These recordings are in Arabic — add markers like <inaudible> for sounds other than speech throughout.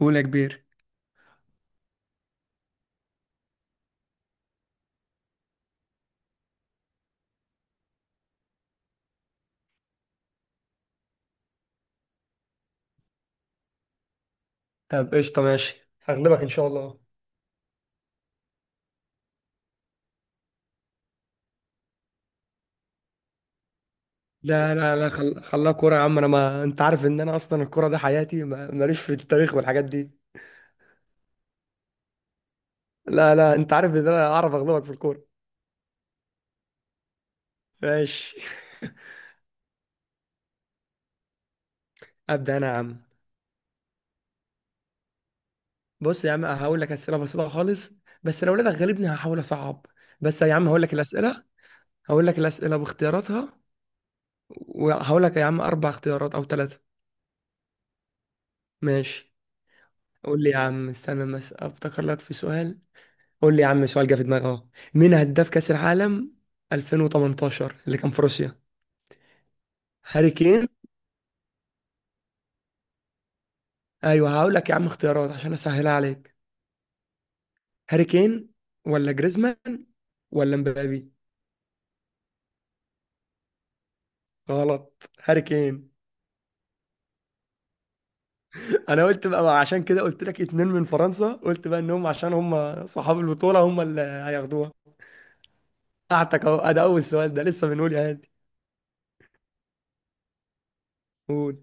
قول يا كبير. طب قشطة، ماشي، هغلبك إن شاء الله. لا لا لا، خلاها كورة يا عم. انا، ما انت عارف ان انا اصلا الكورة ده حياتي. ما... ماليش في التاريخ والحاجات دي. لا لا، انت عارف ان انا اعرف اغلبك في الكورة. ماشي. <laughs> ابدا انا يا عم. بص يا عم، هقول لك اسئله بسيطه خالص. بس لو لقيتك غالبني هحاول اصعب. بس يا عم هقول لك الاسئله. هقول لك الاسئله باختياراتها، وهقول لك يا عم اربع اختيارات او ثلاثه. ماشي. قول لي يا عم، استنى بس افتكر لك في سؤال. قول لي يا عم، سؤال جه في دماغي اهو. مين هداف كأس العالم 2018 اللي كان في روسيا؟ هاري كين. ايوه، هقول لك يا عم اختيارات عشان اسهلها عليك. هاري كين، ولا جريزمان، ولا مبابي؟ غلط، هاري كين. <laughs> انا قلت بقى عشان كده قلت لك اتنين من فرنسا، قلت بقى انهم عشان هم صحاب البطولة هم اللي هياخدوها. قعدتك اهو. ده اول سؤال ده لسه، بنقول يا هادي. قول.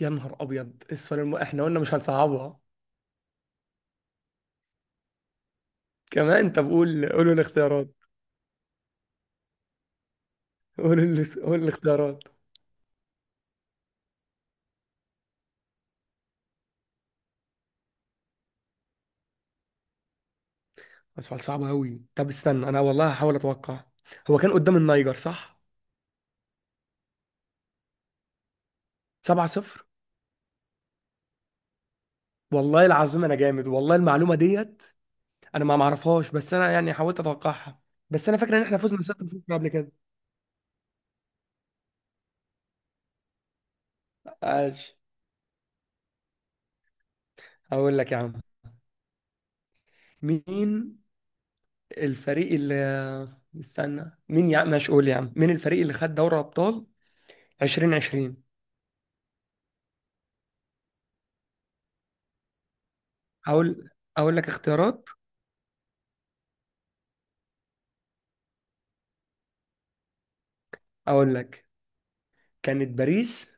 يا نهار ابيض، احنا قلنا مش هنصعبها. كمان طب قول، قولوا الاختيارات. قولوا الاختيارات. سؤال صعب أوي، طب استنى أنا والله هحاول أتوقع. هو كان قدام النيجر، صح؟ 7-0. والله العظيم أنا جامد، والله المعلومة ديت أنا ما معرفهاش، بس أنا يعني حاولت أتوقعها. بس أنا فاكر إن إحنا فزنا 6-0 قبل كده. ماشي. هقول لك يا عم، مين الفريق اللي، استنى مين، يا عم ماشي، قول يا عم، مين الفريق اللي خد دوري أبطال 2020؟ هقول أقول، أقول لك اختيارات. أقول لك، كانت باريس،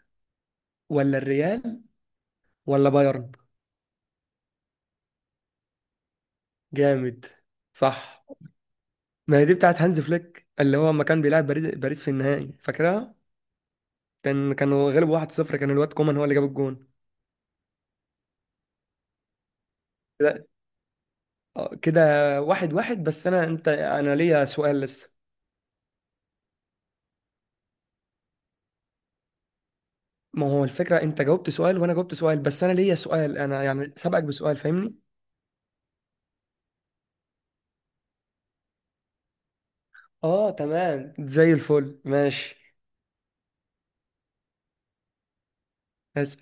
ولا الريال، ولا بايرن؟ جامد. صح. ما هي دي بتاعت هانز فليك اللي هو لما كان بيلعب باريس في النهائي، فاكرها. كانوا غلبوا 1-0، كان الواد كومان هو اللي جاب الجون. كده. كده. واحد واحد، بس انا ليا سؤال لسه. ما هو الفكرة انت جاوبت سؤال وانا جاوبت سؤال، بس انا ليا سؤال، انا يعني سبقك بسؤال، فاهمني. اه تمام زي الفل، ماشي. اسال.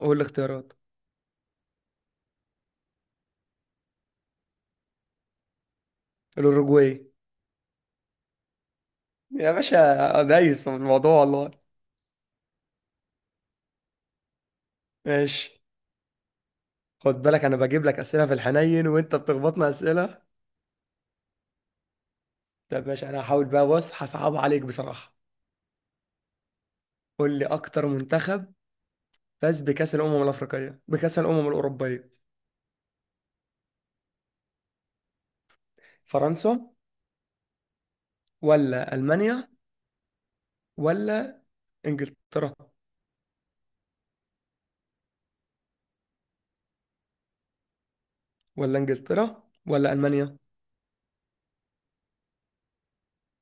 قول الاختيارات. الاوروجواي. يا باشا دايس في الموضوع والله. ماشي، خد بالك انا بجيب لك اسئله في الحنين وانت بتخبطنا اسئله. طب ماشي انا هحاول بقى، بص هصعب عليك بصراحه. قول لي، اكتر منتخب فاز بكاس الامم الافريقيه بكاس الامم الاوروبيه. فرنسا، ولا المانيا، ولا انجلترا ولا انجلترا، ولا المانيا.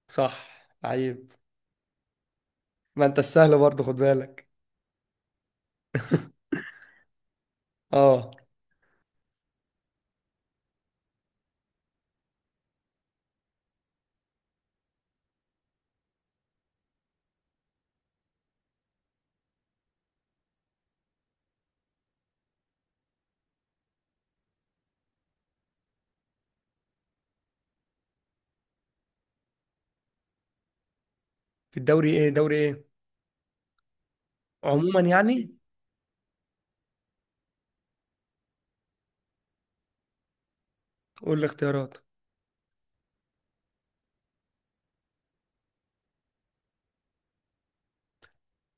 صح، عيب. ما انت السهل برضه خد بالك. اه. في الدوري؟ ايه دوري ايه؟ عموما يعني. قول لي اختيارات.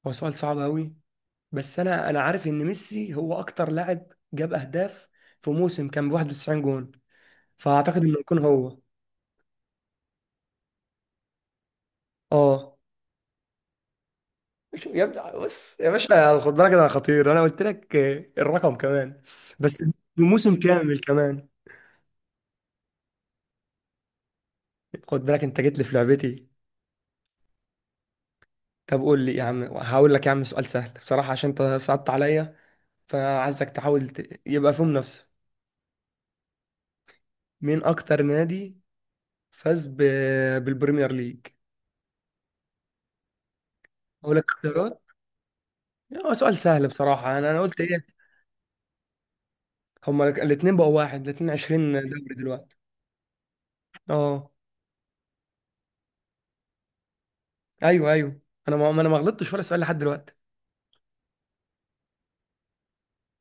هو سؤال صعب قوي، بس انا عارف ان ميسي هو اكتر لاعب جاب اهداف في موسم، كان ب 91 جون، فاعتقد انه يكون هو. اه. مش يا ابني، بص يا باشا خد بالك، انا خطير انا قلت لك. الرقم كمان. بس، بموسم كامل كمان. خد بالك انت جيت لي في لعبتي. طب قول لي يا عم، هقول لك يا عم سؤال سهل بصراحة عشان انت صعبت عليا، فعايزك تحاول يبقى في منافسة. مين اكتر نادي فاز بالبريمير ليج؟ اقول لك اختيارات. هو سؤال سهل بصراحة، انا قلت ايه. هما الاثنين بقوا واحد، الاثنين 20 دوري دلوقتي. اه. ايوه ايوه، انا انا ما غلطتش ولا سؤال لحد دلوقتي.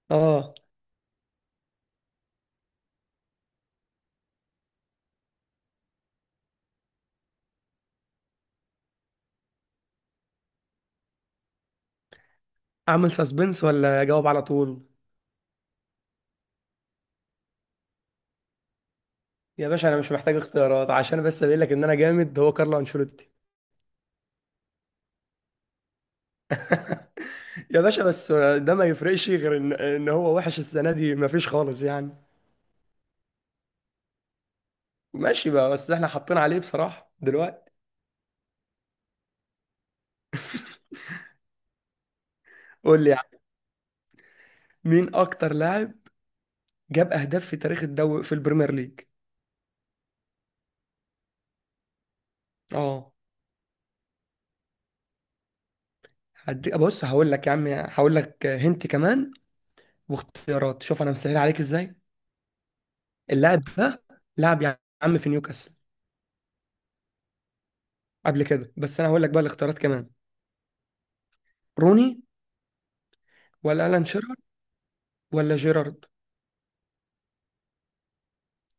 اه. اعمل سسبنس ولا اجاوب على طول؟ يا باشا انا مش محتاج اختيارات، عشان بس اقول لك ان انا جامد، هو كارلو انشيلوتي. يا باشا بس، ده ما يفرقش غير ان هو وحش السنه دي، ما فيش خالص يعني. ماشي بقى، بس احنا حاطين عليه بصراحه دلوقتي. قول لي يعني، مين اكتر لاعب جاب اهداف في تاريخ الدوري في البريمير ليج؟ اه. هدي بص، هقول لك يا عم، هقول لك هنت كمان واختيارات. شوف انا مسهل عليك ازاي. اللاعب ده لعب يا عم في نيوكاسل قبل كده، بس انا هقول لك بقى الاختيارات كمان. روني، ولا الان شيرر، ولا جيرارد.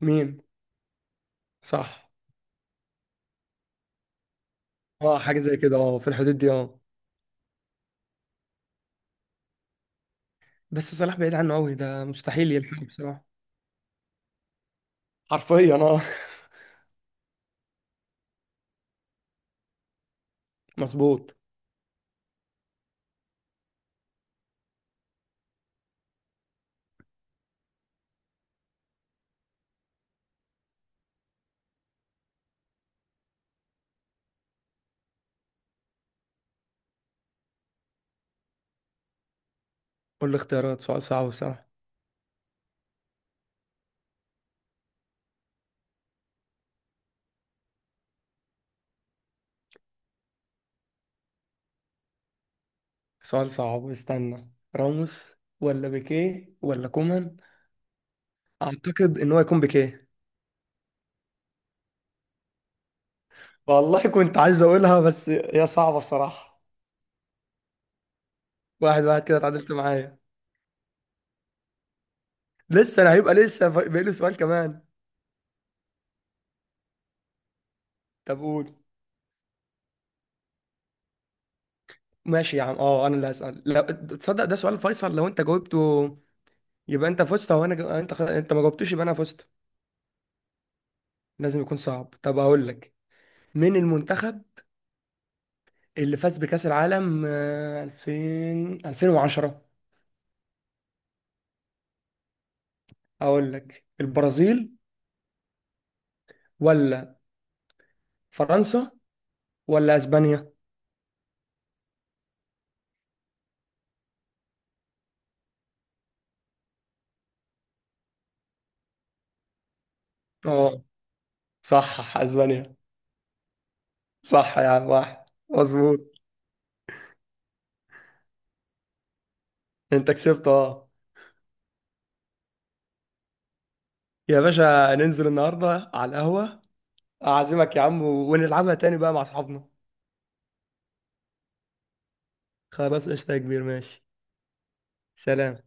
مين؟ صح. اه، حاجه زي كده، اه، في الحدود دي، اه. بس صلاح بعيد عنه قوي، ده مستحيل يلحقه بصراحه. حرفيا اه. <laughs> مظبوط. قول لي اختيارات، سؤال صعب بصراحه. سؤال صعب، استنى. راموس، ولا بيكيه، ولا كومان؟ اعتقد ان هو يكون بيكيه. والله كنت عايز اقولها بس هي صعبه بصراحه. واحد واحد كده، اتعادلت معايا. لسه انا هيبقى لسه باقي له سؤال كمان. طب قول. ماشي يا عم، اه انا اللي هسأل. لا تصدق، ده سؤال فيصل، لو انت جاوبته يبقى انت فزت، او انت ما جاوبتوش يبقى انا فزت. لازم يكون صعب. طب اقول لك، مين المنتخب اللي فاز بكأس العالم 2000 2010؟ اقول لك البرازيل، ولا فرنسا، ولا اسبانيا. اه، صح، اسبانيا. صح يا عم، واحد مظبوط. انت كسبت، اه. يا باشا، ننزل النهارده على القهوة، اعزمك يا عم ونلعبها تاني بقى مع اصحابنا. خلاص قشطة يا كبير، ماشي. سلام.